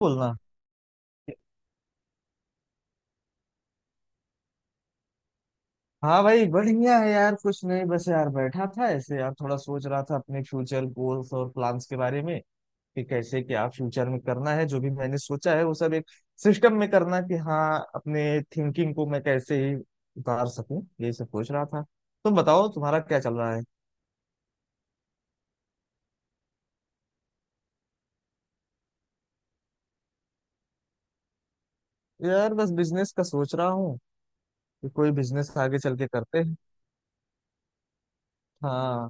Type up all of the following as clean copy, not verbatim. बोलना। हाँ भाई, बढ़िया है यार। कुछ नहीं, बस यार बैठा था ऐसे, यार थोड़ा सोच रहा था अपने फ्यूचर गोल्स और प्लान्स के बारे में कि कैसे क्या फ्यूचर में करना है। जो भी मैंने सोचा है वो सब एक सिस्टम में करना, कि हाँ, अपने थिंकिंग को मैं कैसे ही उतार सकूं, ये सब सोच रहा था। तुम बताओ, तुम्हारा क्या चल रहा है। यार बस बिजनेस का सोच रहा हूँ कि कोई बिजनेस आगे चल के करते हैं। हाँ।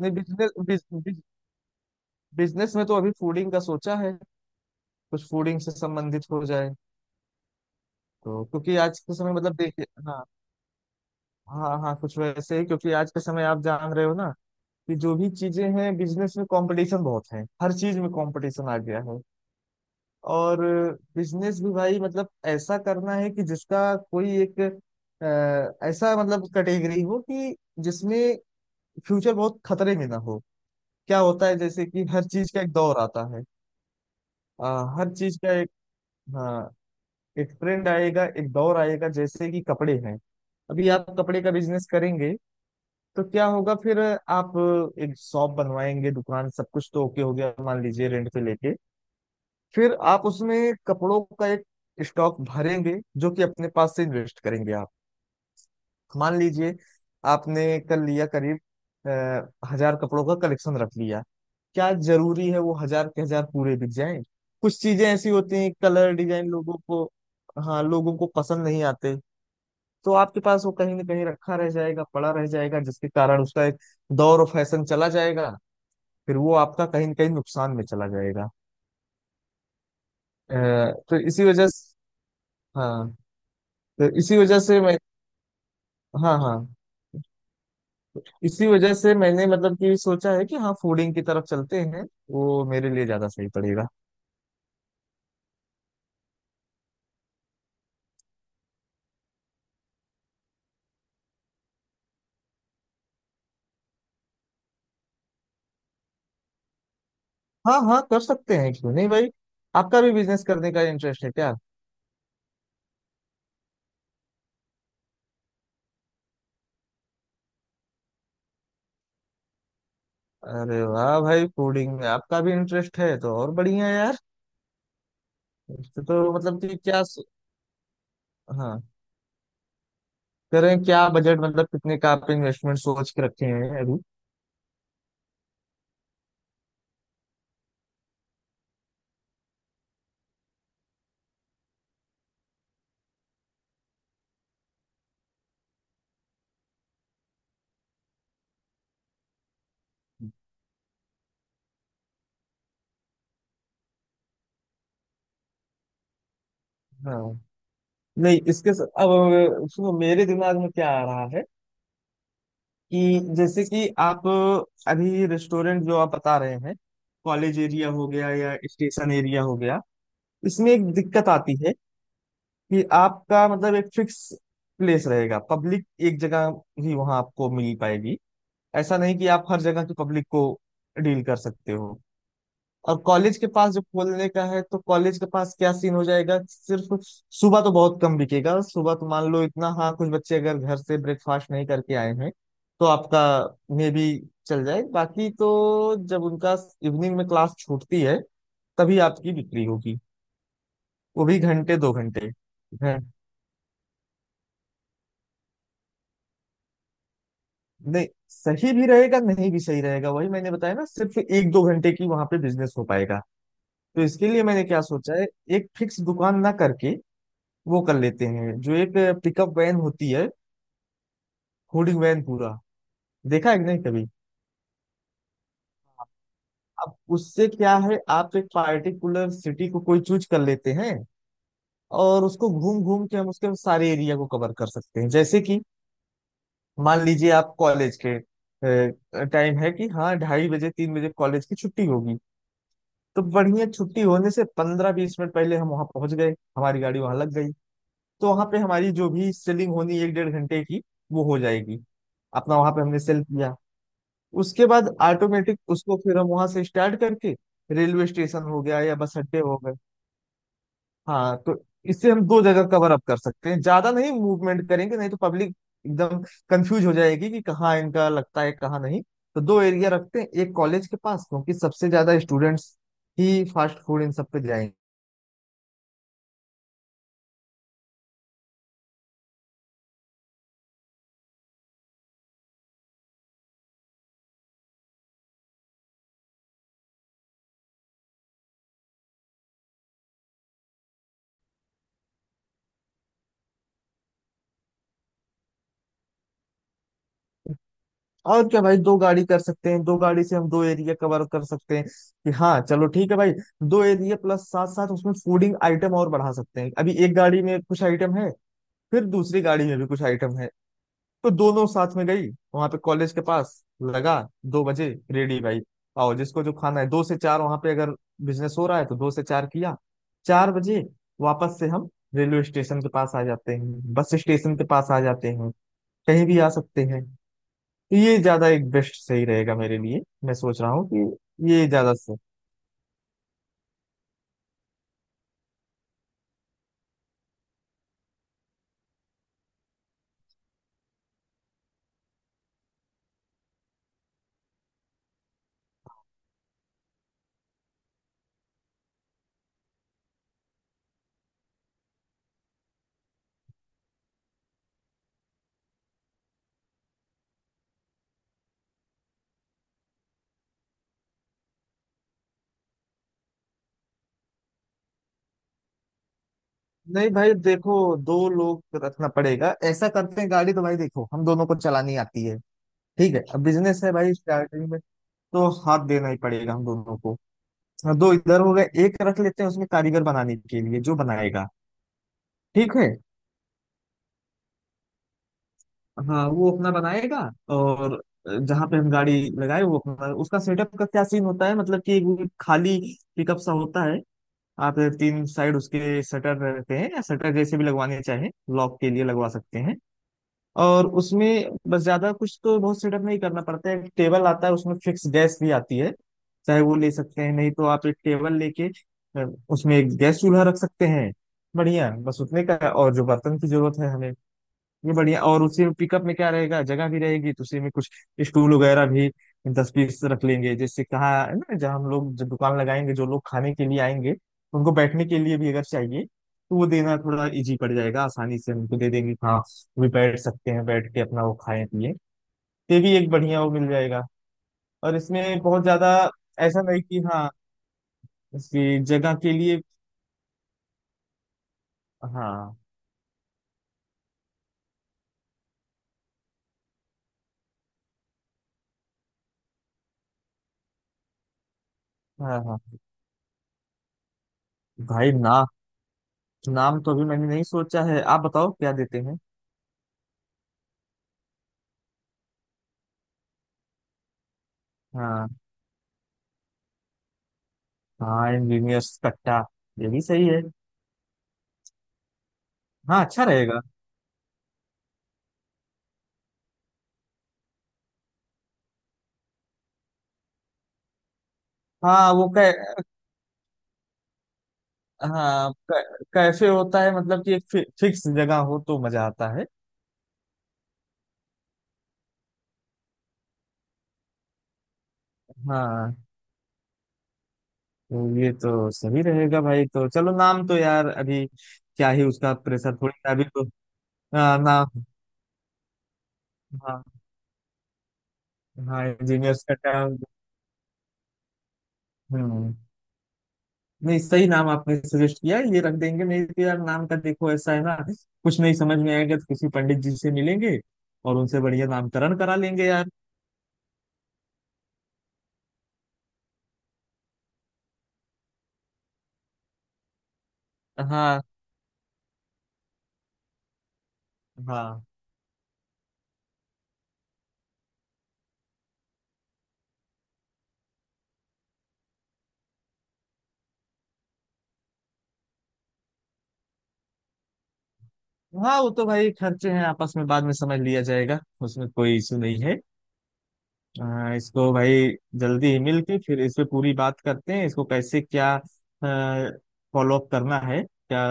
नहीं, बिजनेस, बिजनेस में तो अभी फूडिंग का सोचा है, कुछ फूडिंग से संबंधित हो जाए। तो क्योंकि आज के समय, मतलब देखिए, हाँ, हाँ, हाँ, कुछ वैसे ही, क्योंकि आज के समय आप जान रहे हो ना कि जो भी चीजें हैं बिजनेस में, कंपटीशन बहुत है, हर चीज में कंपटीशन आ गया है। और बिजनेस भी भाई मतलब ऐसा करना है कि जिसका कोई एक ऐसा मतलब कैटेगरी हो कि जिसमें फ्यूचर बहुत खतरे में ना हो। क्या होता है, जैसे कि हर चीज का एक दौर आता है। अ, हर चीज का एक, हाँ, एक ट्रेंड आएगा, एक दौर आएगा। जैसे कि कपड़े हैं, अभी आप कपड़े का बिजनेस करेंगे तो क्या होगा। फिर आप एक शॉप बनवाएंगे, दुकान सब कुछ तो ओके हो गया, मान लीजिए रेंट पे लेके। फिर आप उसमें कपड़ों का एक स्टॉक भरेंगे, जो कि अपने पास से इन्वेस्ट करेंगे आप। मान लीजिए आपने कल लिया करीब हजार कपड़ों का कलेक्शन रख लिया। क्या जरूरी है वो हजार के हजार पूरे बिक जाएं। कुछ चीजें ऐसी होती हैं, कलर डिजाइन लोगों को, हाँ, लोगों को पसंद नहीं आते। तो आपके पास वो कहीं ना कहीं रखा रह जाएगा, पड़ा रह जाएगा, जिसके कारण उसका एक दौर और फैशन चला जाएगा। फिर वो आपका कहीं ना कहीं नुकसान में चला जाएगा। अ, तो इसी वजह से, हाँ, तो इसी वजह से मैं, हाँ हाँ, तो इसी वजह से मैंने मतलब कि सोचा है कि हाँ, फूडिंग की तरफ चलते हैं, वो मेरे लिए ज्यादा सही पड़ेगा। हाँ हाँ, कर सकते हैं, क्यों नहीं भाई। आपका भी बिजनेस करने का इंटरेस्ट है क्या। अरे वाह भाई, फूडिंग में आपका भी इंटरेस्ट है, तो और बढ़िया यार। तो मतलब कि हाँ, करें क्या, बजट मतलब कितने का आप इन्वेस्टमेंट सोच के रखे हैं अभी। हाँ, नहीं, इसके अब, सुनो, मेरे दिमाग में क्या आ रहा है कि जैसे कि आप अभी रेस्टोरेंट जो आप बता रहे हैं, कॉलेज एरिया हो गया या स्टेशन एरिया हो गया, इसमें एक दिक्कत आती है कि आपका मतलब एक फिक्स प्लेस रहेगा, पब्लिक एक जगह ही वहां आपको मिल पाएगी। ऐसा नहीं कि आप हर जगह की पब्लिक को डील कर सकते हो। और कॉलेज के पास जो खोलने का है, तो कॉलेज के पास क्या सीन हो जाएगा, सिर्फ सुबह तो बहुत कम बिकेगा। सुबह तो मान लो इतना, हाँ, कुछ बच्चे अगर घर से ब्रेकफास्ट नहीं करके आए हैं तो आपका मे बी चल जाए, बाकी तो जब उनका इवनिंग में क्लास छूटती है तभी आपकी बिक्री होगी, वो भी घंटे दो घंटे। घं- नहीं, सही भी रहेगा, नहीं भी सही रहेगा। वही मैंने बताया ना, सिर्फ एक दो घंटे की वहां पे बिजनेस हो पाएगा। तो इसके लिए मैंने क्या सोचा है, एक फिक्स दुकान ना करके वो कर लेते हैं जो एक पिकअप वैन होती है, फूडिंग वैन पूरा। देखा है कि नहीं कभी। अब उससे क्या है, आप एक पार्टिकुलर सिटी को कोई चूज कर लेते हैं और उसको घूम घूम के हम उसके सारे एरिया को कवर कर सकते हैं। जैसे कि मान लीजिए आप कॉलेज के टाइम है कि हाँ, 2:30 बजे 3 बजे कॉलेज की छुट्टी होगी, तो बढ़िया, छुट्टी होने से 15 20 मिनट पहले हम वहां पहुंच गए, हमारी गाड़ी वहां लग गई। तो वहां पे हमारी जो भी सेलिंग होनी, एक डेढ़ घंटे की, वो हो जाएगी। अपना वहां पे हमने सेल किया, उसके बाद ऑटोमेटिक उसको फिर हम वहां से स्टार्ट करके रेलवे स्टेशन हो गया या बस अड्डे हो गए। हाँ, तो इससे हम दो जगह कवर अप कर सकते हैं, ज्यादा नहीं मूवमेंट करेंगे, नहीं तो पब्लिक एकदम कंफ्यूज हो जाएगी कि कहाँ इनका लगता है कहाँ नहीं। तो दो एरिया रखते हैं, एक कॉलेज के पास, क्योंकि सबसे ज्यादा स्टूडेंट्स ही फास्ट फूड इन सब पे जाएंगे। और क्या भाई, दो गाड़ी कर सकते हैं, दो गाड़ी से हम दो एरिया कवर कर सकते हैं। कि हाँ चलो ठीक है भाई, दो एरिया प्लस साथ साथ उसमें फूडिंग आइटम और बढ़ा सकते हैं। अभी एक गाड़ी में कुछ आइटम है, फिर दूसरी गाड़ी में भी कुछ आइटम है, तो दोनों साथ में गई। वहां पे कॉलेज के पास लगा, 2 बजे रेडी भाई, आओ जिसको जो खाना है। दो से चार वहां पे अगर बिजनेस हो रहा है तो दो से चार किया, 4 बजे वापस से हम रेलवे स्टेशन के पास आ जाते हैं, बस स्टेशन के पास आ जाते हैं, कहीं भी आ सकते हैं। तो ये ज्यादा एक बेस्ट सही रहेगा मेरे लिए, मैं सोच रहा हूँ कि ये ज्यादा सही। नहीं भाई देखो, दो लोग रखना पड़ेगा। ऐसा करते हैं, गाड़ी तो भाई देखो हम दोनों को चलानी आती है। ठीक है, अब बिजनेस है भाई, स्टार्टिंग में तो हाथ देना ही पड़ेगा हम दोनों को। हाँ, दो इधर हो गए, एक रख लेते हैं उसमें कारीगर, बनाने के लिए, जो बनाएगा। ठीक है, हाँ, वो अपना बनाएगा। और जहां पे हम गाड़ी लगाए, वो अपना उसका सेटअप का क्या सीन होता है, मतलब कि वो खाली पिकअप सा होता है। आप तीन साइड उसके शटर रहते हैं, या शटर जैसे भी लगवाने चाहें, लॉक के लिए लगवा सकते हैं। और उसमें बस ज्यादा कुछ तो बहुत सेटअप नहीं करना पड़ता है। एक टेबल आता है, उसमें फिक्स गैस भी आती है, चाहे वो ले सकते हैं, नहीं तो आप एक टेबल लेके अ, उसमें एक गैस चूल्हा रख सकते हैं। बढ़िया, बस उतने का, और जो बर्तन की जरूरत है हमें, ये बढ़िया। और उसी में पिकअप में क्या रहेगा, जगह भी रहेगी, तो उसी में कुछ स्टूल वगैरह भी 10 पीस रख लेंगे। जैसे कहाँ है ना, जहाँ हम लोग जब दुकान लगाएंगे, जो लोग खाने के लिए आएंगे तो उनको बैठने के लिए भी अगर चाहिए तो वो देना थोड़ा इजी पड़ जाएगा, आसानी से उनको दे देंगे, हाँ वो भी बैठ सकते हैं, बैठ के अपना वो खाएं पिए। ये भी एक बढ़िया वो मिल जाएगा। और इसमें बहुत ज्यादा, ऐसा नहीं कि हाँ इसकी जगह के लिए, हाँ हाँ हाँ। भाई ना, नाम तो अभी मैंने नहीं सोचा है, आप बताओ क्या देते हैं। हाँ, हाँ इंजीनियर्स कट्टा, ये भी सही है। हाँ, अच्छा रहेगा। हाँ वो कै हाँ, कैफे होता है मतलब कि एक फिक्स जगह हो तो मजा आता है। हाँ तो ये तो सही रहेगा भाई, तो चलो नाम तो यार अभी क्या ही उसका प्रेशर, थोड़ी सा अभी तो। हाँ, नाम, हाँ हाँ इंजीनियर्स कट्टा। हम्म, नहीं सही नाम आपने सजेस्ट किया, ये रख देंगे, नहीं तो यार नाम का देखो ऐसा है ना, कुछ नहीं समझ में आएगा तो किसी पंडित जी से मिलेंगे और उनसे बढ़िया नामकरण करा लेंगे यार। हाँ हाँ, हाँ वो तो भाई खर्चे हैं, आपस में बाद में समझ लिया जाएगा, उसमें कोई इशू नहीं है। इसको भाई जल्दी ही मिल के फिर इस पे पूरी बात करते हैं, इसको कैसे क्या फॉलो अप करना है क्या,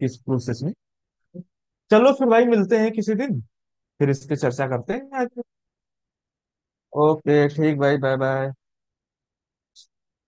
किस प्रोसेस में। चलो फिर भाई, मिलते हैं किसी दिन, फिर इस पे चर्चा करते हैं। ओके, ठीक भाई, बाय बाय।